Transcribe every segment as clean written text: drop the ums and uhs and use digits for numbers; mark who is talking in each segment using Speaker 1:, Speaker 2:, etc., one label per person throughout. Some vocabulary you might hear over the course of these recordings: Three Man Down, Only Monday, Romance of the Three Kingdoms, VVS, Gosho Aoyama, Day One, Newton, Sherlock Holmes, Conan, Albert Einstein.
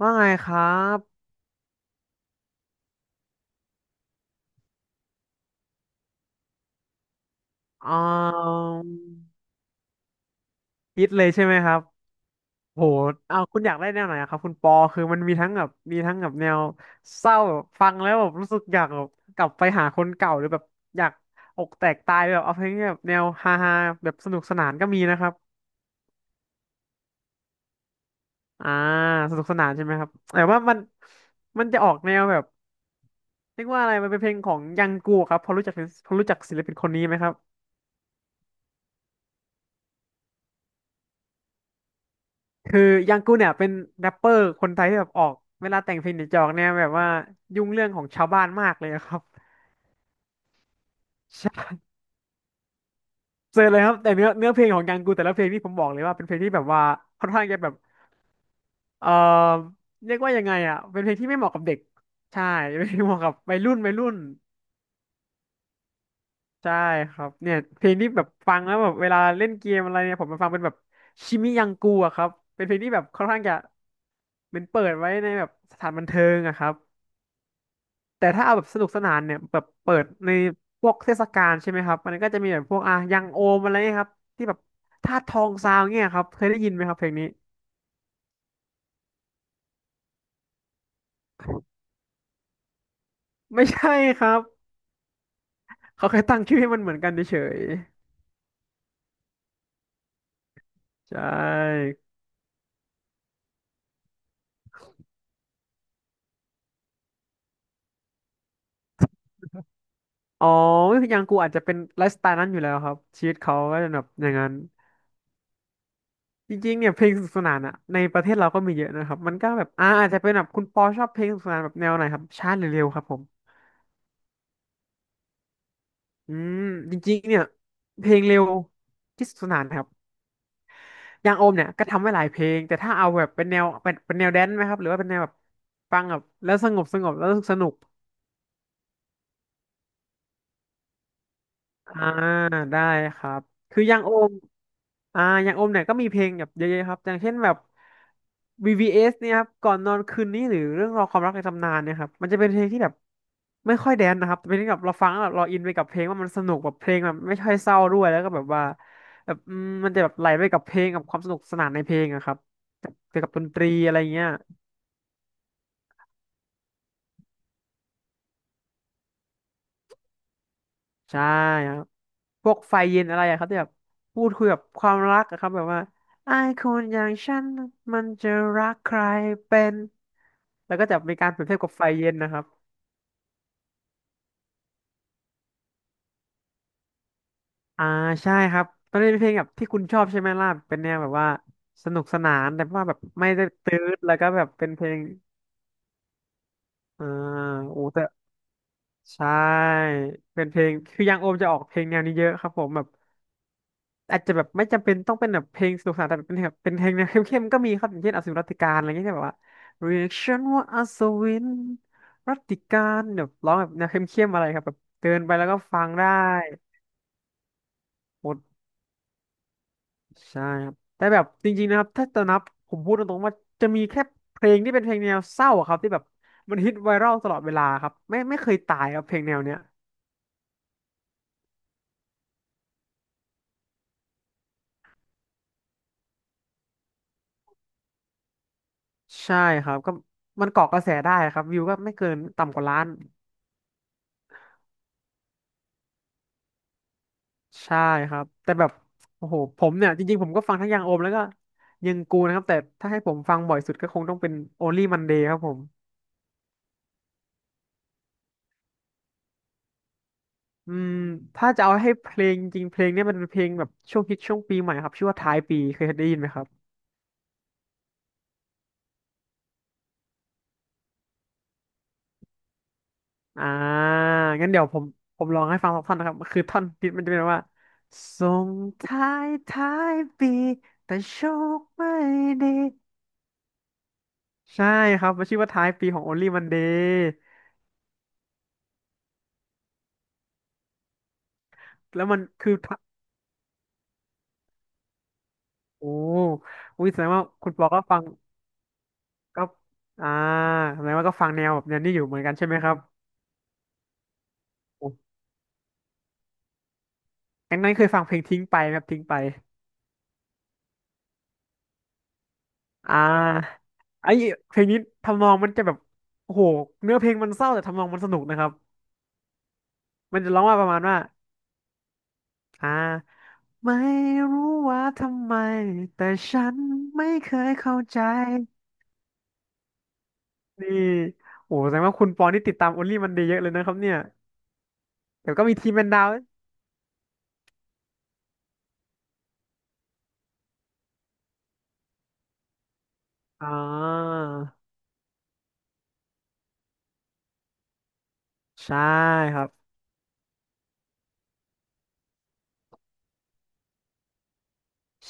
Speaker 1: ว่าไงครับอ่าคิดเลยใช่ไหมครับโหเอาคุณอยากได้แนวไหนอะครับคุณปอคือมันมีทั้งแบบแนวเศร้าแบบฟังแล้วแบบรู้สึกอยากแบบกลับไปหาคนเก่าหรือแบบอยากอกแตกตายแบบเอาเพลงที่แบบแนวฮาฮาแบบสนุกสนานก็มีนะครับอ่าสนุกสนานใช่ไหมครับแต่ว่ามันจะออกแนวแบบเรียกว่าอะไรมันเป็นเพลงของยังกูครับพอรู้จักศิลปินคนนี้ไหมครับ คือยังกูเนี่ยเป็นแรปเปอร์คนไทยที่แบบออกเวลาแต่งเพลงหนียจะออกเนี่ยแบบว่ายุ่งเรื่องของชาวบ้านมากเลยอะครับ ใช่เจอเลยครับแต่เนื้อเพลงของยังกูแต่ละเพลงที่ผมบอกเลยว่าเป็นเพลงที่แบบว่าค่อนข้างจะแบบเอ่อเรียกว่ายังไงอ่ะเป็นเพลงที่ไม่เหมาะกับเด็กใช่ไม่เพลงเหมาะกับวัยรุ่นใช่ครับเนี่ยเพลงที่แบบฟังแล้วแบบเวลาเล่นเกมอะไรเนี่ยผมมาฟังเป็นแบบชิมิยังกูอะครับเป็นเพลงที่แบบค่อนข้างจะเป็นเปิดไว้ในแบบสถานบันเทิงอะครับ แต่ถ้าเอาแบบสนุกสนานเนี่ยแบบเปิดในพวกเทศกาลใช่ไหมครับมันก็จะมีแบบพวกอ่ะยังโอมอะไรเงี้ยครับที่แบบธาตุทองซาวเงี้ยครับเคยได้ยินไหมครับเพลงนี้ไม่ใช่ครับเขาแค่ตั้งชื่อให้มันเหมือนกันเฉยๆใช่อ๋อยังกูอาจจะเป็นไลฟ์สไตล์นั้นอยู่แล้วครับชีวิตเขาก็จะแบบอย่างนั้นจริงๆเนี่ยเพลงสนุกสนานอะในประเทศเราก็มีเยอะนะครับมันก็แบบอาจจะเป็นแบบคุณปอชอบเพลงสนุกสนานแบบแนวไหนครับช้าหรือเร็วครับผมอืมจริงๆเนี่ยเพลงเร็วที่สนุกสนานครับ อย่างโอมเนี่ยก็ทำไว้หลายเพลงแต่ถ้าเอาแบบเป็นแนวเป็นแนวแดนซ์ไหมครับหรือว่าเป็นแนวแบบฟังแบบแล้วสงบแล้วสนุกอ่าได้ครับคืออย่างโอมอย่างโอมเนี่ยก็มีเพลงแบบเยอะๆครับอย่างเช่นแบบ VVS เอสเนี่ยครับก่อนนอนคืนนี้หรือเรื่องราวความรักในตำนานเนี่ยครับมันจะเป็นเพลงที่แบบไม่ค่อยแดนซ์นะครับแต่เป็นที่แบบเราฟังแล้วแบบเราอินไปกับเพลงว่ามันสนุกแบบเพลงแบบไม่ค่อยเศร้าด้วยแล้วก็แบบว่าแบบมันจะแบบไหลไปกับเพลงกับความสนุกสนานในเพลงอะครับเกี่ยวกับดนตรีอะไรเงี้ย ใช่ครับพวกไฟเย็นอะไรอะครับที่แบบพูดคุยแบบความรักอะครับแบบว่าไอ้คนอย่างฉันมันจะรักใครเป็นแล้วก็จะมีการเปรียบเทียบกับไฟเย็นนะครับอ่าใช่ครับตอนนี้เป็นเพลงแบบที่คุณชอบใช่ไหมล่ะเป็นแนวแบบว่าสนุกสนานแต่ว่าแบบไม่ได้ตืดแล้วก็แบบเป็นเพลงอ่าโอ้แต่ใช่เป็นเพลงคือยังโอมจะออกเพลงแนวนี้เยอะครับผมแบบ อาจจะแบบไม่จำเป็นต้องเป็นแบบเพลงสนุกสนานแต่เป็นแบบเป็นเพลงแนวเข้มๆก็มีครับอย่างเช่นอสูรรัตติกาลอะไรเงี้ยที่แบบว่า reaction ว่าอัศวินรัตติกาลแบบร้องแบบแนวเข้มๆอะไรครับแบบเดินไปแล้วก็ฟังได้หมดใช่ครับแต่แบบจริงๆนะครับถ้าจะนับผมพูดตรงๆว่าจะมีแค่เพลงที่เป็นเพลงแนวเศร้าอะครับที่แบบมันฮิตไวรัลตลอดเวลาครับไม่เคยตายครับเพลงแนวเนี้ยใช่ครับก็มันเกาะกระแสได้ครับวิวก็ไม่เกินต่ำกว่าล้าน ใช่ครับแต่แบบโอ้โหผมเนี่ยจริงๆผมก็ฟังทั้งยังโอมแล้วก็ยังกูนะครับแต่ถ้าให้ผมฟังบ่อยสุดก็คงต้องเป็น Only Monday ครับผมอืมถ้าจะเอาให้เพลงจริงๆเพลงเนี่ยมันเป็นเพลงแบบช่วงฮิตช่วงปีใหม่ครับชื่อว่าท้ายปีเคยได้ยินไหมครับอ่างั้นเดี๋ยวผมลองให้ฟังสักท่อนนะครับคือท่อนฮิตมันจะเป็นว่าส่งท้ายปีแต่โชคไม่ดีใช่ครับมันชื่อว่าท้ายปีของ Only Monday แล้วมันคือ โอ้อุ้ยแสดงว่าคุณปอก็ฟังก็อ่าแสดงว่าก็ฟังแนวแบบแนวนี้อยู่เหมือนกันใช่ไหมครับโอ้งั้นเคยฟังเพลงทิ้งไปไหมครับทิ้งไปอ่าไอ้เพลงนี้ทำนองมันจะแบบโอ้โหเนื้อเพลงมันเศร้าแต่ทำนองมันสนุกนะครับมันจะร้องว่าประมาณว่าอ่าไม่รู้ว่าทำไมแต่ฉันไม่เคยเข้าใจนี่โอ้โหแสดงว่าคุณปอนี่ติดตามโอลลี่มันดีเยอะเลยนะครับเนี่ยเดี๋ยวก็มีทีมเป็นดาวอ่าใช่ครับ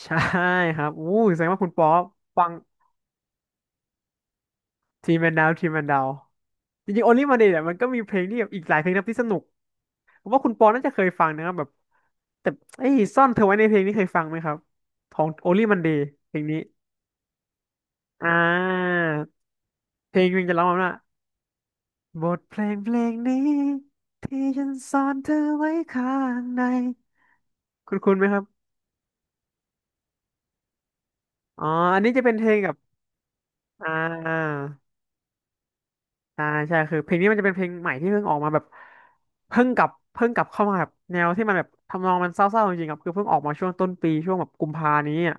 Speaker 1: ใช่ครับอู้แสดงว่าคุณป๊อปฟังทีมแมนดาวจริงๆโอลิมาเดเนี่ยมันก็มีเพลงที่แบบอีกหลายเพลงนะครับที่สนุกผมว่าคุณปอน่าจะเคยฟังนะครับแบบแต่ไอ้ยซ่อนเธอไว้ในเพลงนี้เคยฟังไหมครับของโอลิมันเดย์เพลงนี้อ่าเพลงมันจะร้องว่าบทเพลงเพลงนี้ที่ฉันซ่อนเธอไว้ข้างในคุณคุณไหมครับอ๋ออันนี้จะเป็นเพลงกับอ่า ใช่คือเพลงนี้มันจะเป็นเพลงใหม่ที่เพิ่งออกมาแบบเพิ่งกลับเข้ามาแบบแนวที่มันแบบทำนองมันเศร้าๆจริงๆครับคือเพิ่งออกมาช่วงต้นปีช่วงแบบกุมภานี้อ่ะ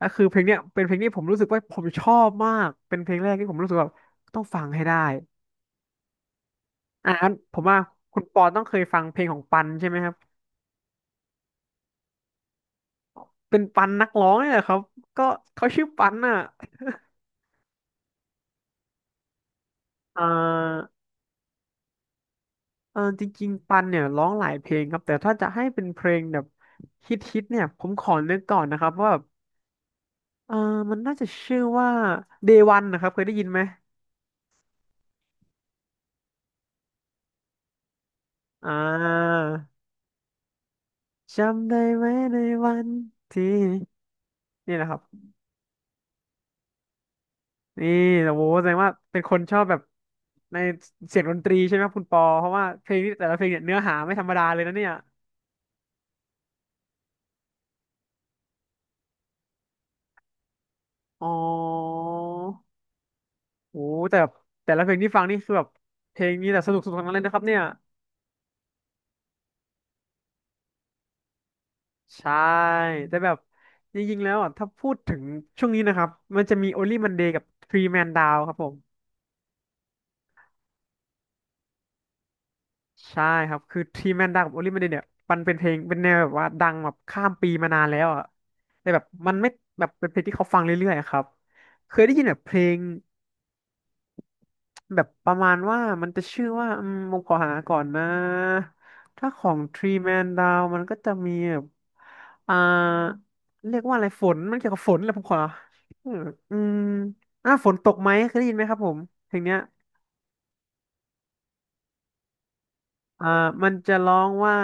Speaker 1: ก็คือเพลงเนี้ยเป็นเพลงที่ผมรู้สึกว่าผมชอบมากเป็นเพลงแรกที่ผมรู้สึกว่าต้องฟังให้ได้อ่างั้นผมว่าคุณปอต้องเคยฟังเพลงของปันใช่ไหมครับเป็นปันนักร้องเนี่ยแหละครับก็เขาชื่อปันอ่ะเอ่าจริงๆปันเนี่ยร้องหลายเพลงครับแต่ถ้าจะให้เป็นเพลงแบบฮิตๆเนี่ยผมขอนึกก่อนนะครับว่า เออมันน่าจะชื่อว่า Day One นะครับเคยได้ยินไหมอ่าจำได้ไหมในวันที่นี่นะครับนี่โอ้โหแสดงว่าเป็นคนชอบแบบในเสียงดนตรีใช่ไหมครับคุณปอเพราะว่าเพลงนี้แต่ละเพลงเนี่ยเนื้อหาไม่ธรรมดาเลยนะเนี่ยอ๋อโอ้โหแต่แบบแต่ละเพลงที่ฟังนี่คือแบบเพลงนี้แต่สนุกสุดทั้งนั้นเลยนะครับเนี่ยใช่แต่แบบจริงๆแล้วอ่ะถ้าพูดถึงช่วงนี้นะครับมันจะมี Only Monday กับ Three Man Down ครับผม ใช่ครับคือที่แม่นดังกับโอลิเมเดนเนี่ยมันเป็นเพลงเป็นแนวแบบว่าดังแบบข้ามปีมานานแล้วอ่ะแต่แบบมันไม่แบบเป็นเพลงที่เขาฟังเรื่อยๆอะครับเคยได้ยินแบบเพลงแบบประมาณว่ามันจะชื่อว่าผมขอหาก่อนนะถ้าของ Three Man Down มันก็จะมีแบบอ่าเรียกว่าอะไรฝนมันเกี่ยวกับฝนแหละผมขอเอออืมอ่าฝนตกไหมเคยได้ยินไหมครับผมเพลงเนี้ยอ่ามันจะร้องว่า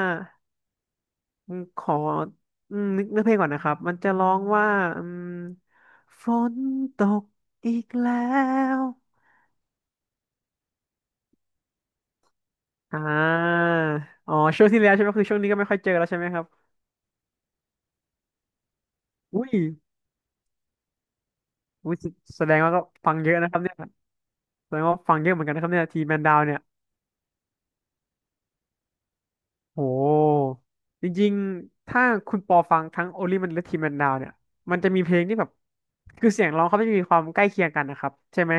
Speaker 1: ขอนึกเนื้อเพลงก่อนนะครับ มันจะร้องว่าอืมฝนตกอีกแล้วอ่าอ๋อช่วงที่แล้วใช่ไหมคือช่วงนี้ก็ไม่ค่อยเจอแล้วใช่ไหมครับอุ้ยอุ้ยแสดงว่าก็ฟังเยอะนะครับเนี่ยแสดงว่าฟังเยอะเหมือนกันนะครับเนี่ยทีแมนดาวเนี่ยโหจริงๆ ถ้าคุณปอฟังทั้งโอลิมันและทีแมนดาวเนี่ย มันจะมีเพลงที่แบบคือเสียงร้องเขาไม่มีความใกล้เคียงกันนะครับใช่ไหม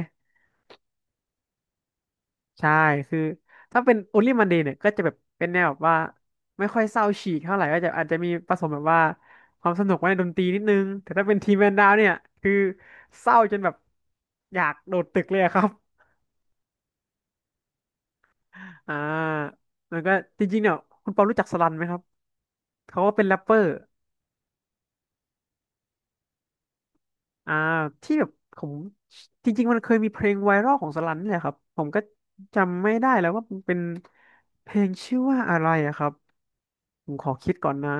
Speaker 1: ใช่คือถ้าเป็น Only Monday เนี่ยก็จะแบบเป็นแนวแบบว่าไม่ค่อยเศร้าฉีกเท่าไหร่ก็จะอาจจะมีผสมแบบว่าความสนุกไว้ในดนตรีนิดนึง แต่ถ้าเป็นทีมแมนดาวเนี่ย คือเศร้าจนแบบอยากโดดตึกเลยอะครับ อ่าแล้วก็จริงๆเนี่ยคุณเปารู้จักสลันไหมครับ เขาก็เป็นแรปเปอร์อ่าที่แบบผมจริงๆมันเคยมีเพลงไวรัลของสลันนี่แหละครับผมก็จำไม่ได้แล้วว่ามันเป็นเพลงชื่อว่าอะไรอะครับผมขอคิดก่อนนะ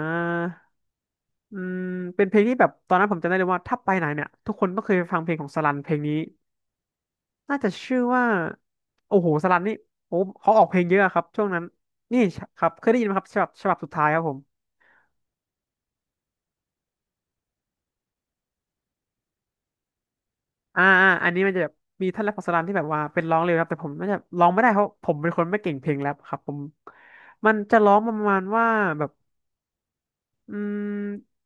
Speaker 1: อืมเป็นเพลงที่แบบตอนนั้นผมจำได้เลยว่าถ้าไปไหนเนี่ยทุกคนต้องเคยฟังเพลงของสลันเพลงนี้น่าจะชื่อว่าโอ้โหสลันนี่โอ้เขาออกเพลงเยอะครับช่วงนั้นนี่ครับเคยได้ยินไหมครับฉบับสุดท้ายครับผมอันนี้มันจะแบบมีท่านแรปของสลันที่แบบว่าเป็นร้องเร็วครับแต่ผมน่าจะร้องไม่ได้เพราะผมเป็นคนไม่เก่งเพลงแรปครับผมมันจะร้องประมาณว่าแบบอืม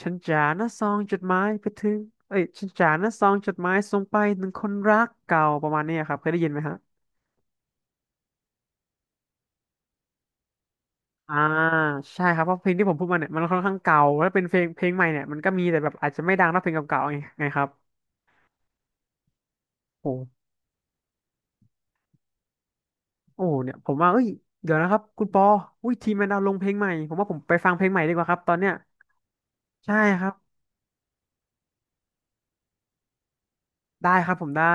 Speaker 1: ฉันจานะซองจดหมายไปถึงเอ้ยฉันจานะซองจดหมายส่งไปถึงคนรักเก่าประมาณนี้ครับเคยได้ยินไหมฮะ อ่าใช่ครับเพราะเพลงที่ผมพูดมาเนี่ยมันค่อนข้างเก่าแล้วเป็นเพลงเพลงใหม่เนี่ยมันก็มีแต่แบบอาจจะไม่ดังเท่าเพลงเก่าๆไงครับโอ้โอ้เนี่ยผมว่าเอ้ยเดี๋ยวนะครับคุณปออุ้ยทีมแมนดาวลงเพลงใหม่ผมว่าผมไปฟังเพลงใหม่ดีกว่าครับตอนเนี้ยใช่ครับได้ครับผมได้